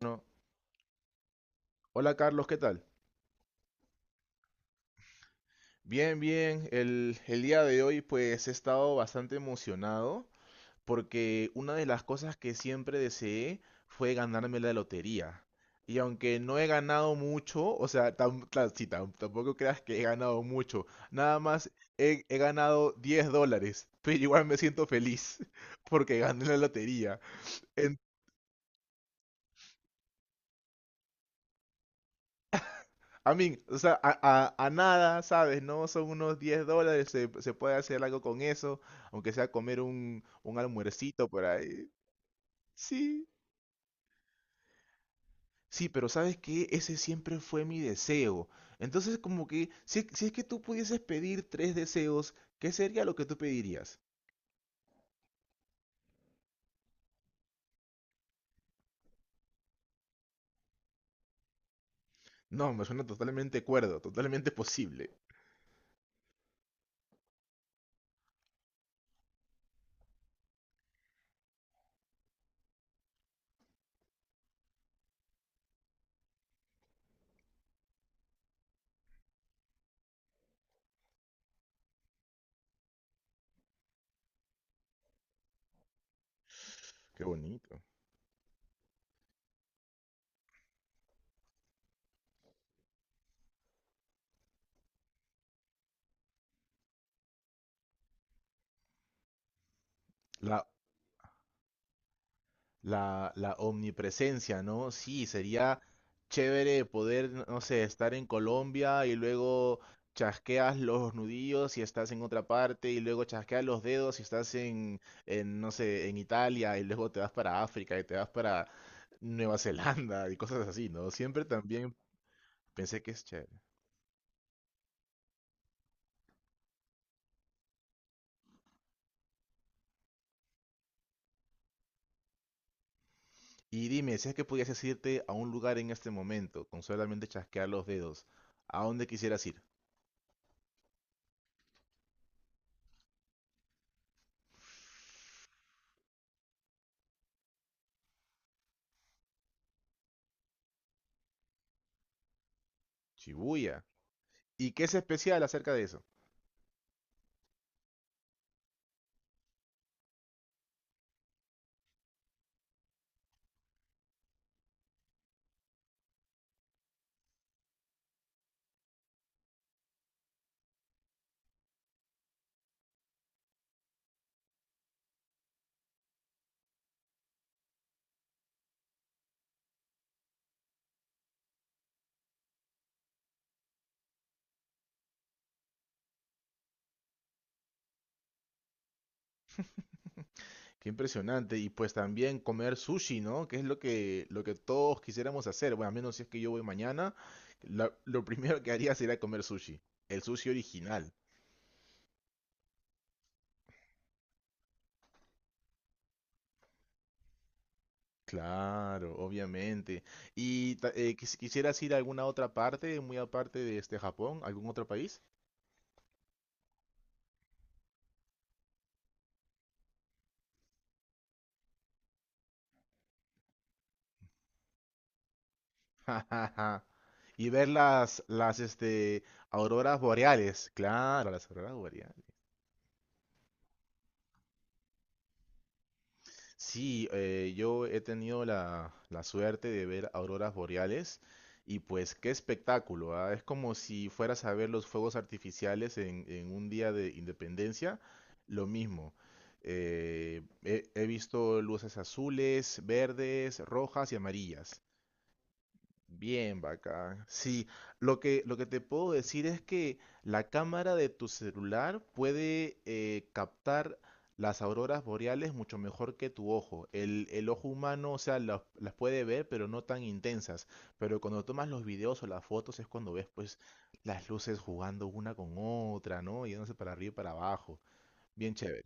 Bueno, hola Carlos, ¿qué tal? Bien, bien. El día de hoy pues he estado bastante emocionado porque una de las cosas que siempre deseé fue ganarme la lotería. Y aunque no he ganado mucho, o sea, tampoco creas que he ganado mucho. Nada más he ganado $10, pero igual me siento feliz porque gané la lotería. A mí, o sea, a nada, ¿sabes? No son unos $10, se puede hacer algo con eso, aunque sea comer un almuercito por ahí. Sí, sí, pero ¿sabes qué? Ese siempre fue mi deseo. Entonces, como que, si es que tú pudieses pedir 3 deseos, ¿qué sería lo que tú pedirías? No, me suena totalmente cuerdo, totalmente posible. Qué bonito. La la omnipresencia, ¿no? Sí, sería chévere poder, no sé, estar en Colombia y luego chasqueas los nudillos y estás en otra parte y luego chasqueas los dedos y estás en, no sé, en Italia y luego te vas para África y te vas para Nueva Zelanda y cosas así, ¿no? Siempre también pensé que es chévere. Y dime, si es que pudieses irte a un lugar en este momento con solamente chasquear los dedos, ¿a dónde quisieras ir? Shibuya. ¿Y qué es especial acerca de eso? Qué impresionante. Y pues también comer sushi, ¿no? Que es lo que todos quisiéramos hacer. Bueno, a menos si es que yo voy mañana, lo primero que haría sería comer sushi. El sushi original. Claro, obviamente. ¿ quisieras ir a alguna otra parte, muy aparte de este Japón, ¿algún otro país? Ja, ja, ja. Y ver las auroras boreales. Claro, las auroras boreales. Sí, yo he tenido la suerte de ver auroras boreales y pues qué espectáculo, ¿ah? Es como si fueras a ver los fuegos artificiales en un día de independencia, lo mismo. He visto luces azules, verdes, rojas y amarillas. Bien, bacán. Sí, lo que te puedo decir es que la cámara de tu celular puede captar las auroras boreales mucho mejor que tu ojo. El ojo humano, o sea, las puede ver, pero no tan intensas. Pero cuando tomas los videos o las fotos es cuando ves, pues, las luces jugando una con otra, ¿no? Yéndose para arriba y para abajo. Bien chévere.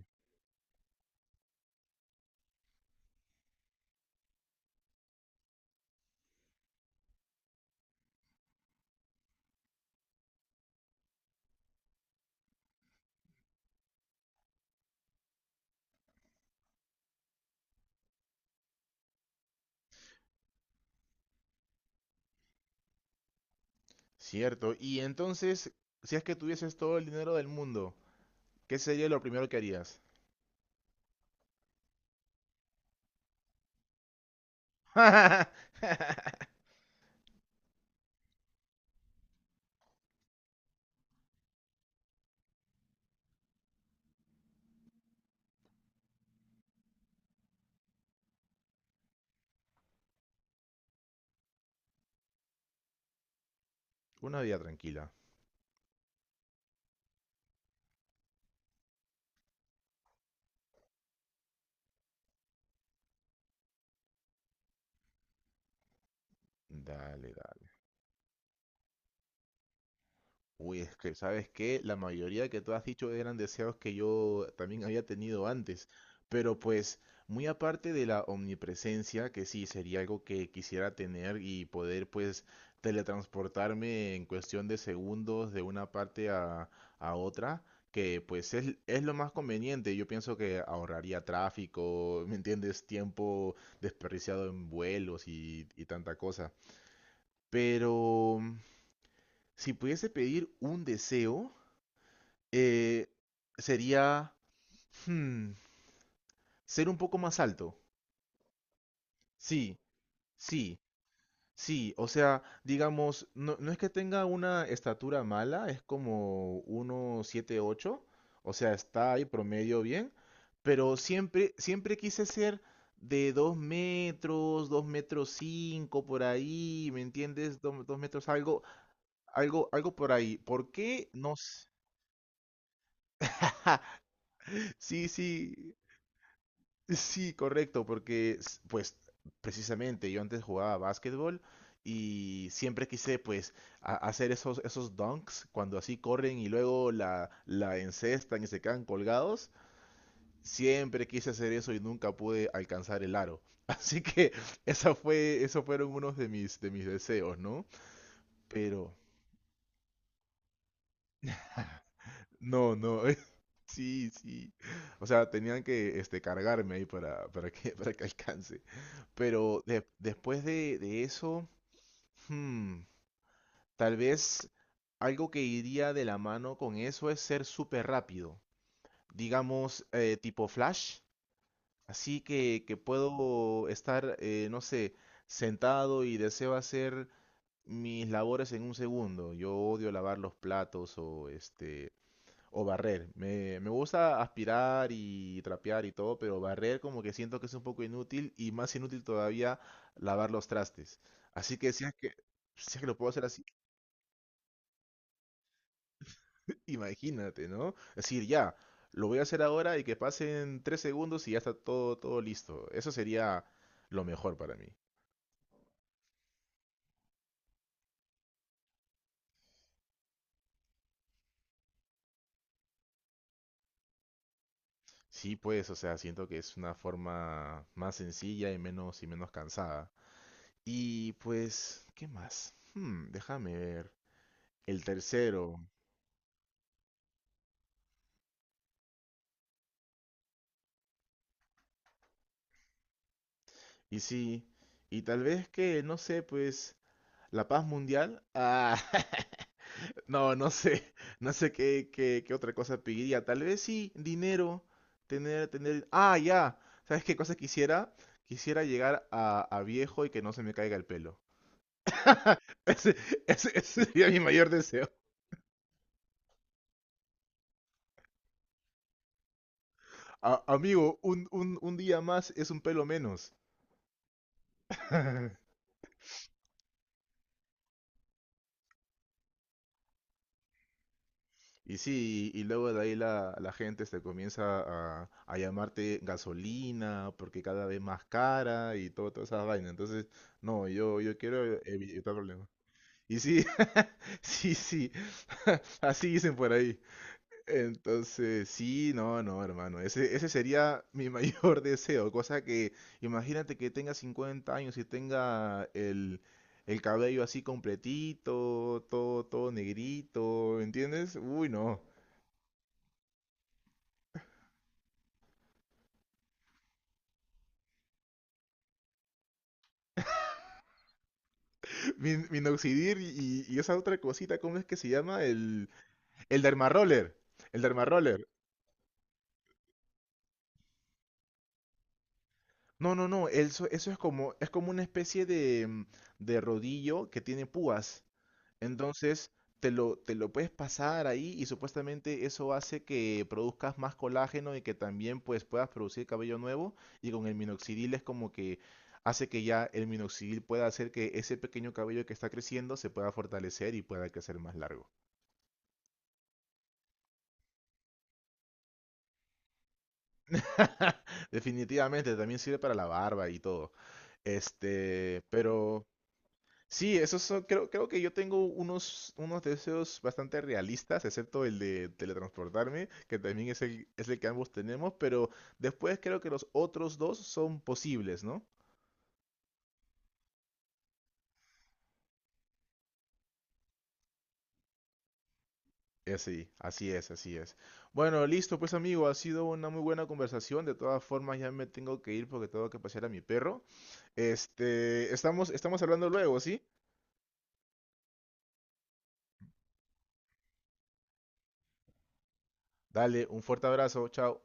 Cierto. Y entonces, si es que tuvieses todo el dinero del mundo, ¿qué sería lo primero que harías? Una vida tranquila. Dale, dale. Uy, es que, ¿sabes qué? La mayoría que tú has dicho eran deseos que yo también había tenido antes. Pero pues, muy aparte de la omnipresencia, que sí sería algo que quisiera tener y poder pues teletransportarme en cuestión de segundos de una parte a otra, que pues es lo más conveniente. Yo pienso que ahorraría tráfico, ¿me entiendes? Tiempo desperdiciado en vuelos y tanta cosa. Pero si pudiese pedir un deseo, eh, sería hmm, ser un poco más alto. Sí, sí, sí. O sea, digamos, no, no es que tenga una estatura mala, es como 1,78. O sea, está ahí promedio bien. Pero siempre, siempre quise ser de 2 metros, 2 metros 5 por ahí, ¿me entiendes? 2 metros algo, algo, algo por ahí. ¿Por qué? No sé. Sí, sí. Sí, correcto, porque pues precisamente yo antes jugaba básquetbol y siempre quise pues hacer esos, esos dunks cuando así corren y luego la encestan y se quedan colgados. Siempre quise hacer eso y nunca pude alcanzar el aro. Así que esos fueron unos de mis deseos, ¿no? Pero... No, no, sí, sí. O sea, tenían que este, cargarme ahí para que, para que alcance. Pero después de eso, hmm, tal vez algo que iría de la mano con eso es ser súper rápido. Digamos, tipo Flash. Así que puedo estar, no sé, sentado y deseo hacer mis labores en un segundo. Yo odio lavar los platos o este, o barrer. Me gusta aspirar y trapear y todo, pero barrer como que siento que es un poco inútil y más inútil todavía lavar los trastes. Así que si es que lo puedo hacer así, imagínate, ¿no? Es decir, ya, lo voy a hacer ahora y que pasen 3 segundos y ya está todo, todo listo. Eso sería lo mejor para mí. Sí, pues, o sea, siento que es una forma más sencilla y menos cansada. Y pues, ¿qué más? Hmm, déjame ver. El tercero. Y sí, y tal vez que, no sé, pues, la paz mundial. Ah, no, no sé, no sé qué, qué, qué otra cosa pediría. Tal vez sí, dinero, tener... Ah, ya, ¿sabes qué cosa quisiera? Quisiera llegar a viejo y que no se me caiga el pelo. Ese, ese sería mi mayor deseo. Amigo, un día más es un pelo menos. Y sí, y luego de ahí la gente se comienza a llamarte gasolina porque cada vez más cara y todo, toda esa vaina. Entonces, no, yo quiero evitar problemas. Y sí, sí, sí, así dicen por ahí. Entonces, sí, no, no, hermano, ese sería mi mayor deseo. Cosa que, imagínate que tenga 50 años y tenga el cabello así completito, todo, todo negrito, ¿entiendes? Uy, no. Minoxidil y esa otra cosita, ¿cómo es que se llama? El derma roller. El derma roller. No, no, no. Eso es como una especie de, de rodillo que tiene púas. Entonces, te lo puedes pasar ahí y supuestamente eso hace que produzcas más colágeno y que también pues puedas producir cabello nuevo. Y con el minoxidil es como que hace que ya el minoxidil pueda hacer que ese pequeño cabello que está creciendo se pueda fortalecer y pueda crecer más largo. Definitivamente, también sirve para la barba y todo. Este, pero sí, esos son, creo, creo que yo tengo unos, unos deseos bastante realistas, excepto el de teletransportarme, que también es el que ambos tenemos, pero después creo que los otros dos son posibles, ¿no? Sí, así es, así es. Bueno, listo, pues amigo, ha sido una muy buena conversación. De todas formas, ya me tengo que ir porque tengo que pasear a mi perro. Este, estamos, estamos hablando luego, ¿sí? Dale, un fuerte abrazo, chao.